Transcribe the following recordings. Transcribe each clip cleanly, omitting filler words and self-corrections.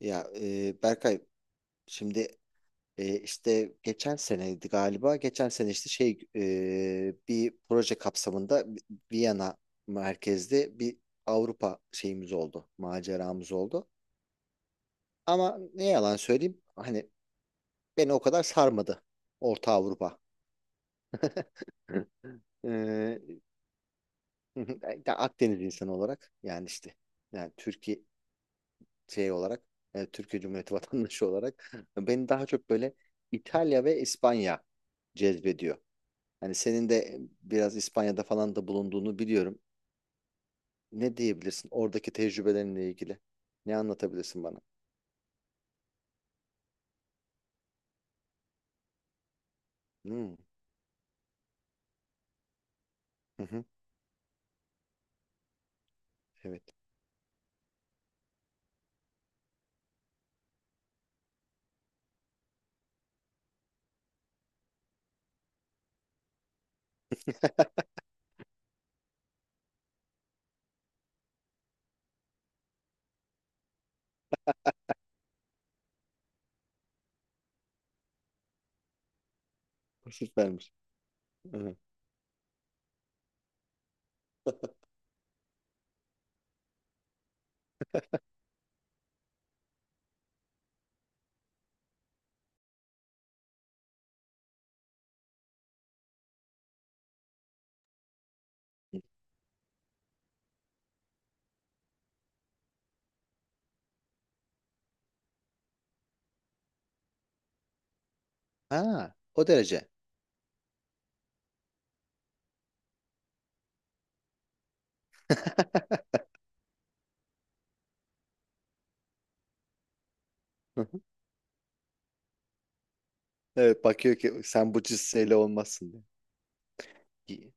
Berkay, şimdi işte geçen seneydi galiba. Geçen sene bir proje kapsamında Viyana merkezli bir Avrupa şeyimiz oldu. Maceramız oldu. Ama ne yalan söyleyeyim, hani beni o kadar sarmadı Orta Avrupa. Hı. E, Akdeniz insanı olarak yani işte yani Türkiye şey olarak Türkiye Cumhuriyeti vatandaşı olarak beni daha çok böyle İtalya ve İspanya cezbediyor. Hani senin de biraz İspanya'da falan da bulunduğunu biliyorum. Ne diyebilirsin oradaki tecrübelerinle ilgili? Ne anlatabilirsin bana? Hmm. Hı hı, evet. Süpermiş. Hı hı. Ha, o derece. Hı hı. Evet, bakıyor ki sen bu cüsseyle olmazsın diye.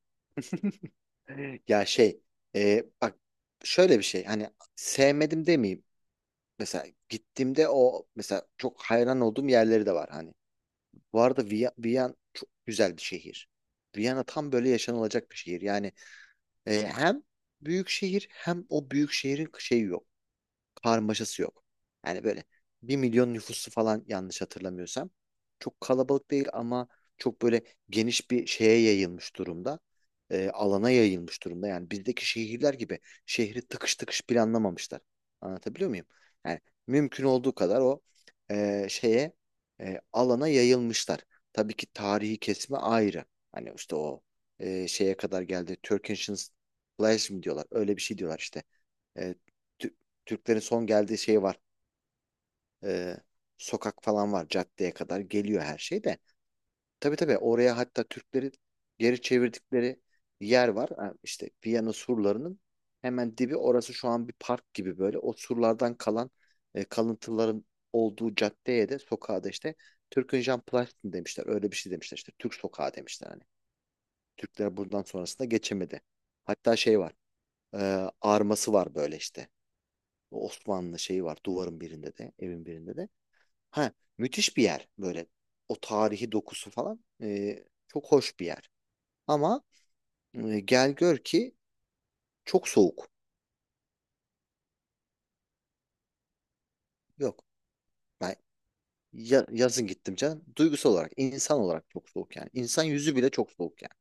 Ya şey bak şöyle bir şey, hani sevmedim demeyeyim, mesela gittiğimde o mesela çok hayran olduğum yerleri de var hani. Bu arada Viyana çok güzel bir şehir. Viyana tam böyle yaşanılacak bir şehir. Yani hem büyük şehir, hem o büyük şehrin şeyi yok, karmaşası yok. Yani böyle 1.000.000 nüfusu falan, yanlış hatırlamıyorsam. Çok kalabalık değil ama çok böyle geniş bir şeye yayılmış durumda. Alana yayılmış durumda. Yani bizdeki şehirler gibi şehri tıkış tıkış planlamamışlar. Anlatabiliyor muyum? Yani mümkün olduğu kadar o e, şeye e, alana yayılmışlar. Tabii ki tarihi kesme ayrı. Hani işte şeye kadar geldi. Turk Ancient Place mi diyorlar? Öyle bir şey diyorlar işte. E, Tü- Türklerin son geldiği şey var. Ee, Sokak falan var, caddeye kadar geliyor her şey de. Tabii tabii, oraya hatta Türklerin geri çevirdikleri yer var. Ha, İşte Viyana surlarının hemen dibi orası, şu an bir park gibi böyle. O surlardan kalan kalıntıların olduğu caddeye de sokağa da işte Türkünjan Platin demişler. Öyle bir şey demişler işte, Türk sokağı demişler hani. Türkler buradan sonrasında geçemedi. Hatta şey var. Arması var böyle işte. O Osmanlı şeyi var duvarın birinde de, evin birinde de. Ha, müthiş bir yer böyle. O tarihi dokusu falan, çok hoş bir yer. Ama gel gör ki çok soğuk. Yok. Ben yazın gittim canım. Duygusal olarak, insan olarak çok soğuk yani. İnsan yüzü bile çok soğuk yani.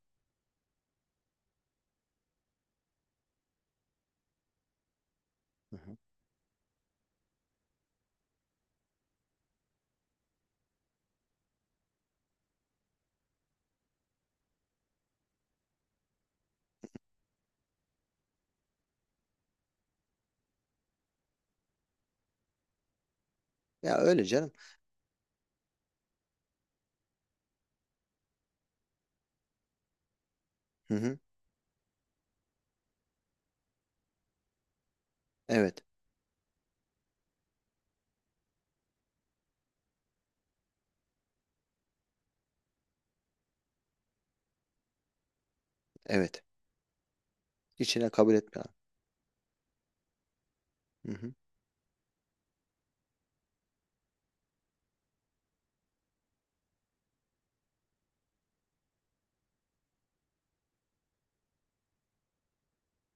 Hı hı. Ya öyle canım. Hı hı. Evet. Evet. İçine kabul etme. Hı hı.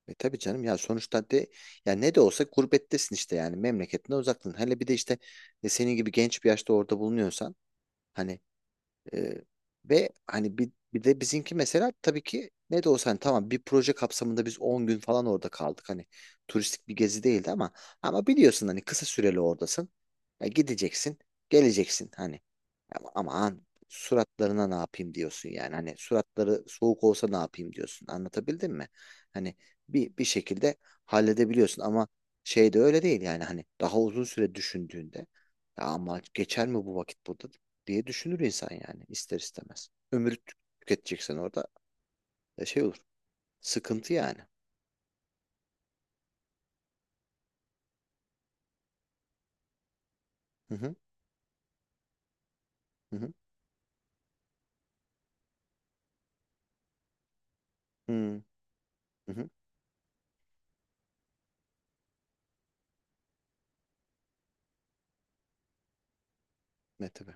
E tabii canım, ya sonuçta de, ya ne de olsa gurbettesin işte, yani memleketinden uzaktın. Hele bir de işte senin gibi genç bir yaşta orada bulunuyorsan hani. Ee, Ve hani bir de bizimki mesela, tabii ki ne de olsa hani tamam, bir proje kapsamında biz 10 gün falan orada kaldık. Hani turistik bir gezi değildi ama, ama biliyorsun hani kısa süreli oradasın. Ya gideceksin, geleceksin hani. Ama aman, suratlarına ne yapayım diyorsun yani. Hani suratları soğuk olsa ne yapayım diyorsun. Anlatabildim mi? Hani bir şekilde halledebiliyorsun ama şey de öyle değil yani, hani daha uzun süre düşündüğünde ya ama geçer mi bu vakit burada diye düşünür insan yani ister istemez. Tüketeceksen orada şey olur. Sıkıntı yani. Hı hı, hı hı, hı hı, hı. Ne tabii.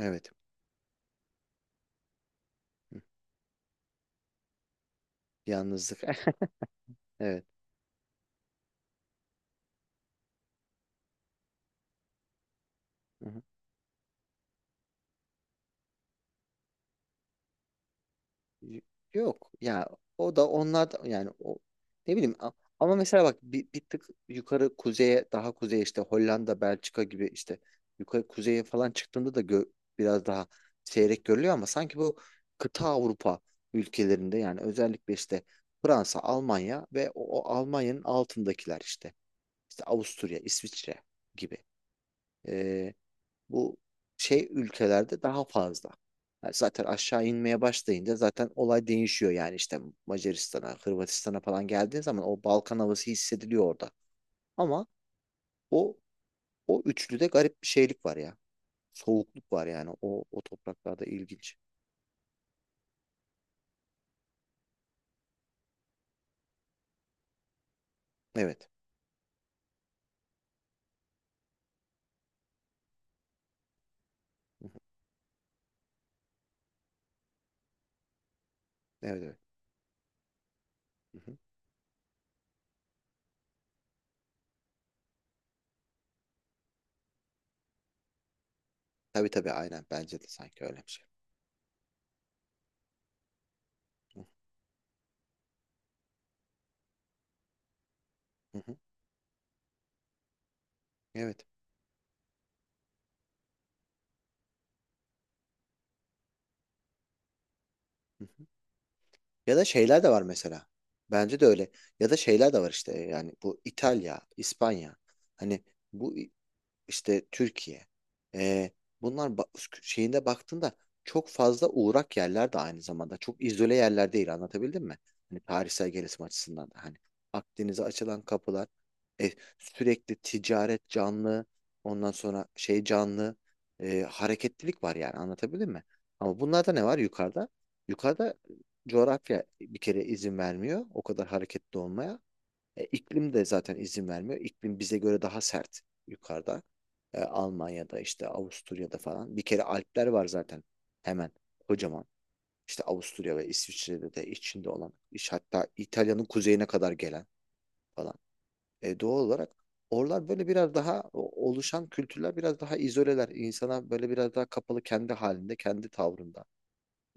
Evet. Hı. Yalnızlık. Evet. Hı hı. Y- Yok ya, o da onlar da- yani o, ne bileyim, ama mesela bak bir tık yukarı kuzeye, daha kuzeye, işte Hollanda, Belçika gibi işte yukarı kuzeye falan çıktığında da biraz daha seyrek görülüyor, ama sanki bu kıta Avrupa ülkelerinde, yani özellikle işte Fransa, Almanya ve o Almanya'nın altındakiler, işte işte Avusturya, İsviçre gibi bu şey ülkelerde daha fazla. Yani zaten aşağı inmeye başlayınca zaten olay değişiyor yani, işte Macaristan'a, Hırvatistan'a falan geldiğin zaman o Balkan havası hissediliyor orada. Ama o o üçlüde garip bir şeylik var ya. Soğukluk var yani o topraklarda, ilginç. Evet. Hı hı. Evet evet. Hı hı. Tabii tabii, aynen bence de sanki öyle bir şey. Hı hı, hı. Evet. Hı hı. Ya da şeyler de var mesela. Bence de öyle. Ya da şeyler de var işte, yani bu İtalya, İspanya. Hani bu işte Türkiye. Ee, Bunlar şeyinde baktığında çok fazla uğrak yerler de aynı zamanda. Çok izole yerler değil, anlatabildim mi? Hani tarihsel gelişim açısından da hani Akdeniz'e açılan kapılar, e, sürekli ticaret canlı, ondan sonra şey canlı, hareketlilik var yani, anlatabildim mi? Ama bunlarda ne var yukarıda? Yukarıda coğrafya bir kere izin vermiyor o kadar hareketli olmaya. E, iklim de zaten izin vermiyor. İklim bize göre daha sert yukarıda. E, Almanya'da, işte Avusturya'da falan. Bir kere Alpler var zaten hemen, kocaman. İşte Avusturya ve İsviçre'de de içinde olan, iş hatta İtalya'nın kuzeyine kadar gelen falan. E, doğal olarak oralar böyle biraz daha oluşan kültürler biraz daha izoleler. İnsana böyle biraz daha kapalı, kendi halinde, kendi tavrında.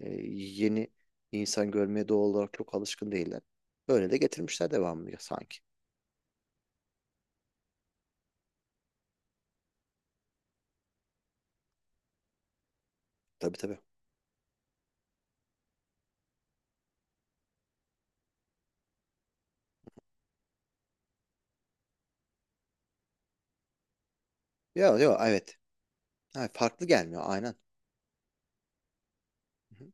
E, Yeni insan görmeye doğal olarak çok alışkın değiller. Böyle de getirmişler devamlı sanki. Tabii tabii. Yok yok, evet. Ha, farklı gelmiyor aynen. Hı hı.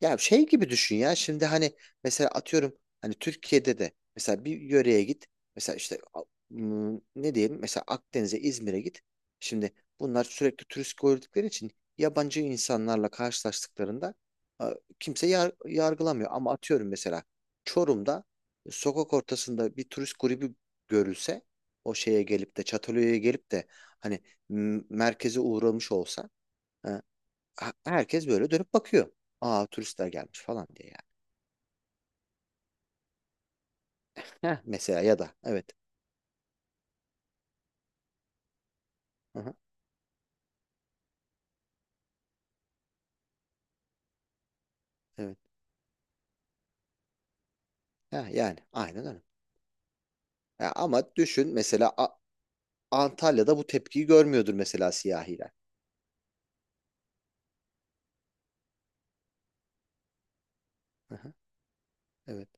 Ya şey gibi düşün ya, şimdi hani mesela atıyorum hani Türkiye'de de mesela bir yöreye git. Mesela işte a- m, Ne diyelim, mesela Akdeniz'e, İzmir'e git. Şimdi bunlar sürekli turist gördükleri için yabancı insanlarla karşılaştıklarında, a, kimse yargılamıyor. Ama atıyorum, mesela Çorum'da sokak ortasında bir turist grubu görülse, o şeye gelip de Çatalhöyük'e gelip de hani, merkeze uğramış olsa, herkes böyle dönüp bakıyor. Aa, turistler gelmiş falan diye yani. Heh, mesela ya da evet. Aha, evet. Ha, yani aynen öyle. Ya ama düşün mesela, Antalya'da bu tepkiyi görmüyordur mesela siyahiler. Aha, evet.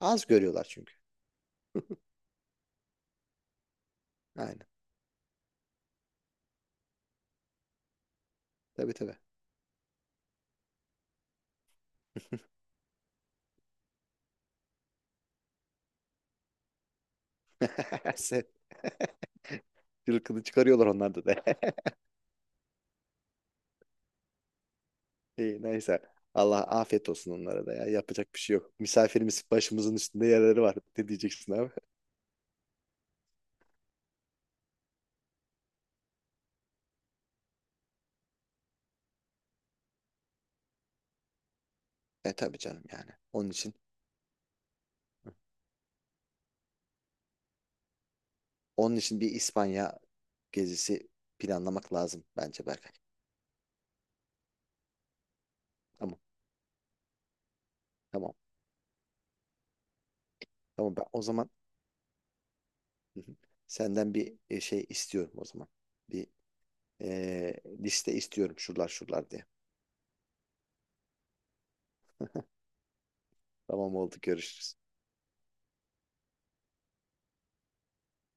Az görüyorlar çünkü. Aynen. Tabii tabii. Sen- Cılkını çıkarıyorlar onlarda da. İyi, neyse. Allah afiyet olsun onlara da ya. Yapacak bir şey yok. Misafirimiz, başımızın üstünde yerleri var. Ne diyeceksin abi? E tabii canım yani. Onun için, onun için bir İspanya gezisi planlamak lazım bence Berkay. Tamam, tamam. Tamam ben o zaman, hı hı, senden bir şey istiyorum o zaman. Bir liste istiyorum, şuralar şuralar diye. Tamam, oldu, görüşürüz.